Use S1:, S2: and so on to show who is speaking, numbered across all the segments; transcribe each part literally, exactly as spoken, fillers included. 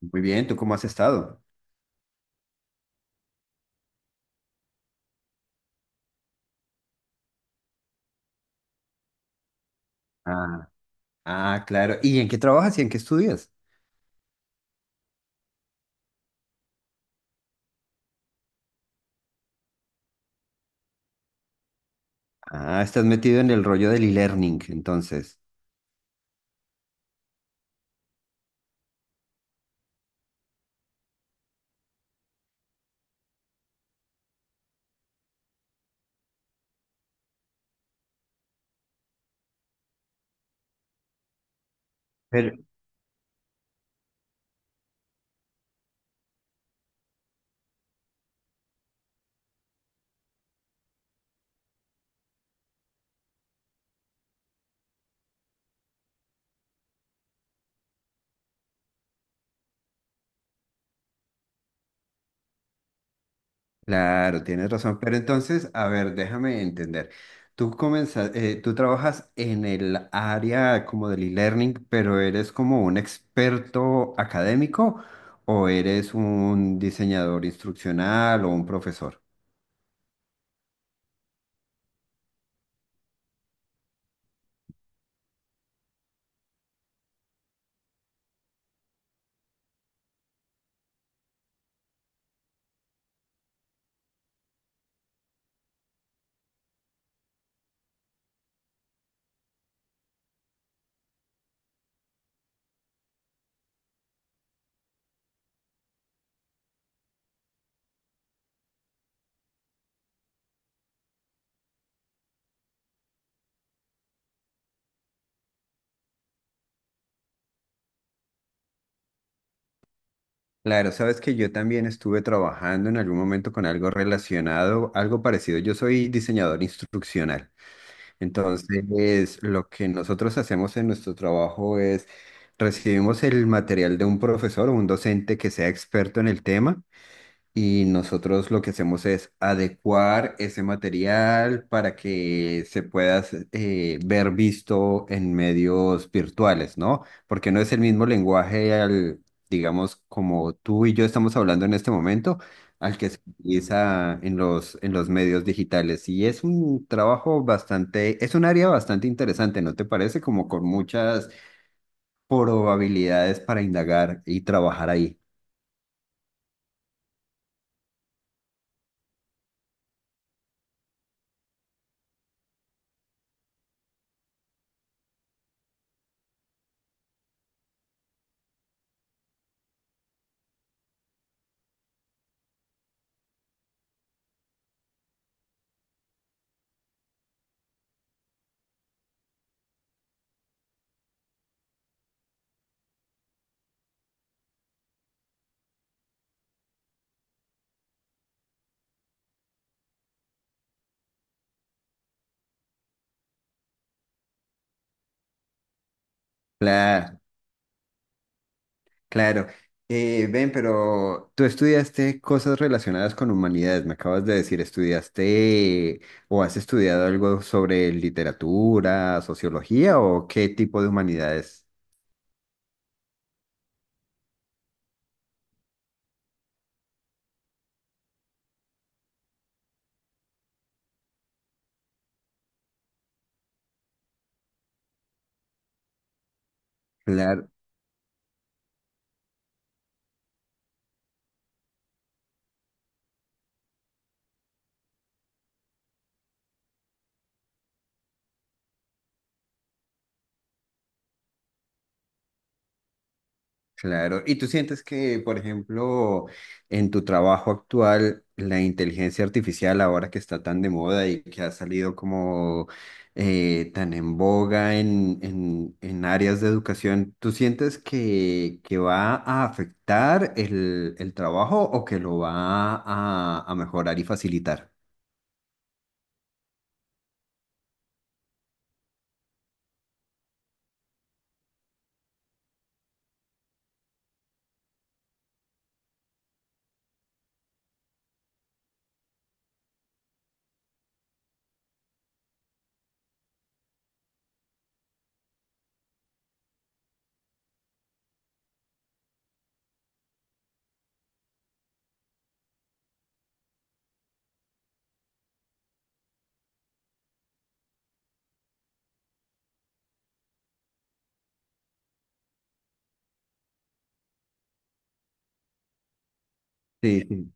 S1: Muy bien, ¿tú cómo has estado? Ah, ah, claro. ¿Y en qué trabajas y en qué estudias? Ah, estás metido en el rollo del e-learning, entonces. Pero, claro, tienes razón. Pero entonces, a ver, déjame entender. Tú comenzas, eh, tú trabajas en el área como del e-learning, pero ¿eres como un experto académico o eres un diseñador instruccional o un profesor? Claro, sabes que yo también estuve trabajando en algún momento con algo relacionado, algo parecido. Yo soy diseñador instruccional. Entonces, lo que nosotros hacemos en nuestro trabajo es recibimos el material de un profesor o un docente que sea experto en el tema. Y nosotros lo que hacemos es adecuar ese material para que se pueda eh, ver visto en medios virtuales, ¿no? Porque no es el mismo lenguaje al, digamos, como tú y yo estamos hablando en este momento, al que se utiliza en los, en los medios digitales. Y es un trabajo bastante, es un área bastante interesante, ¿no te parece? Como con muchas probabilidades para indagar y trabajar ahí. La- Claro. Eh, ven, pero tú estudiaste cosas relacionadas con humanidades, me acabas de decir, ¿estudiaste o has estudiado algo sobre literatura, sociología o qué tipo de humanidades? Claro. Claro, ¿y tú sientes que, por ejemplo, en tu trabajo actual, la inteligencia artificial, ahora que está tan de moda y que ha salido como eh, tan en boga en, en, en áreas de educación, ¿tú sientes que, que va a afectar el, el trabajo o que lo va a, a mejorar y facilitar? Sí, sí.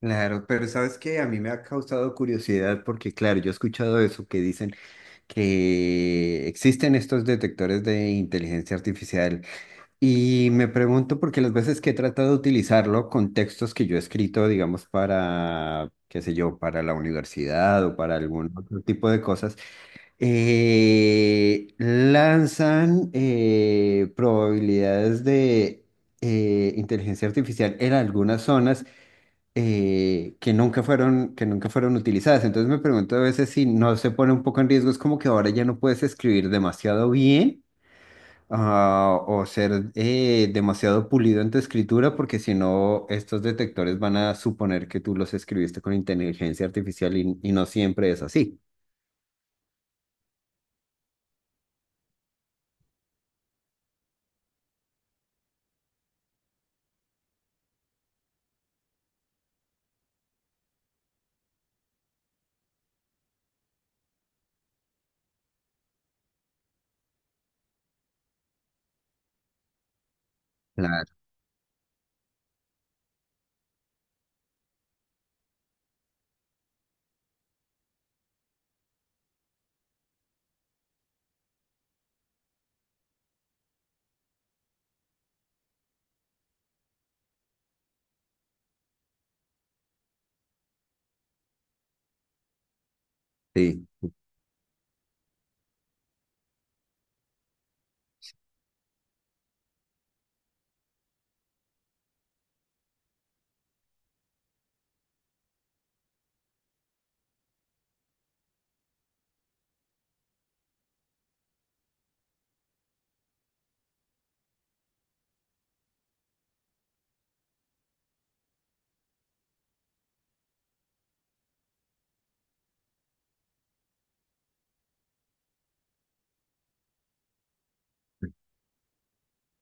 S1: Claro, pero sabes que a mí me ha causado curiosidad porque, claro, yo he escuchado eso que dicen, que existen estos detectores de inteligencia artificial y me pregunto porque las veces que he tratado de utilizarlo con textos que yo he escrito, digamos, para, qué sé yo, para la universidad o para algún otro tipo de cosas, eh, lanzan eh, probabilidades de eh, inteligencia artificial en algunas zonas eh, que nunca fueron, que nunca fueron utilizadas. Entonces me pregunto a veces si no se pone un poco en riesgo, es como que ahora ya no puedes escribir demasiado bien ah, o ser eh, demasiado pulido en tu escritura, porque si no, estos detectores van a suponer que tú los escribiste con inteligencia artificial y, y no siempre es así. Claro, sí.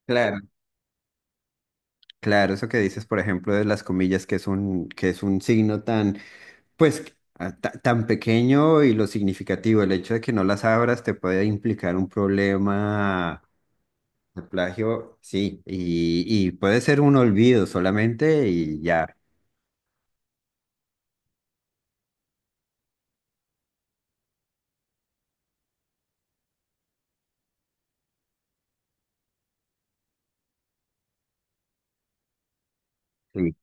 S1: Claro. Claro, eso que dices, por ejemplo, de las comillas, que es un, que es un signo tan Pues a- ta- tan pequeño y lo significativo, el hecho de que no las abras te puede implicar un problema de plagio, sí, y, y puede ser un olvido solamente y ya. Sí,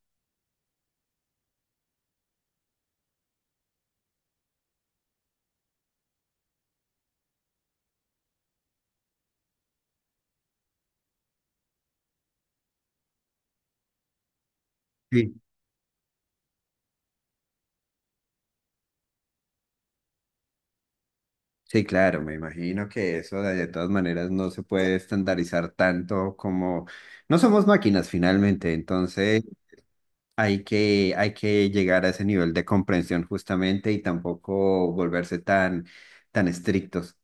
S1: sí. Sí, claro, me imagino que eso de, de todas maneras no se puede estandarizar tanto como no somos máquinas finalmente, entonces hay que, hay que llegar a ese nivel de comprensión justamente y tampoco volverse tan, tan estrictos.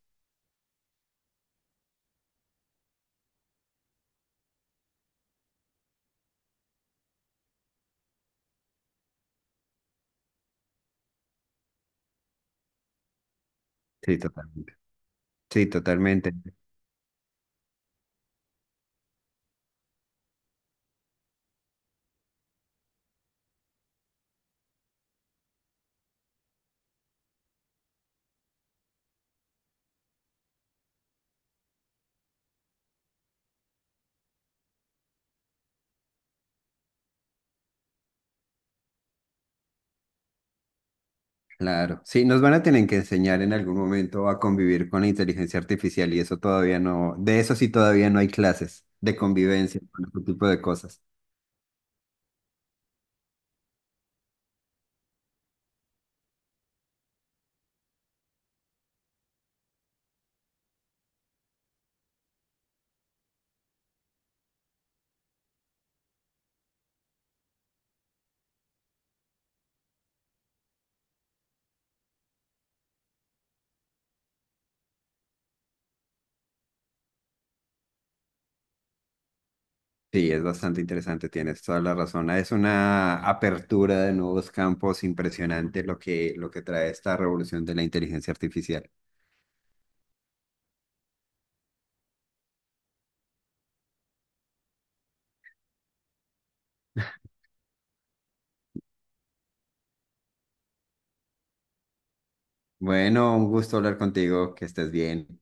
S1: Sí, total. Sí, totalmente. Claro. Sí, nos van a tener que enseñar en algún momento a convivir con la inteligencia artificial y eso todavía no, de eso sí todavía no hay clases de convivencia con este tipo de cosas. Sí, es bastante interesante, tienes toda la razón. Es una apertura de nuevos campos impresionante lo que, lo que trae esta revolución de la inteligencia artificial. Bueno, un gusto hablar contigo, que estés bien.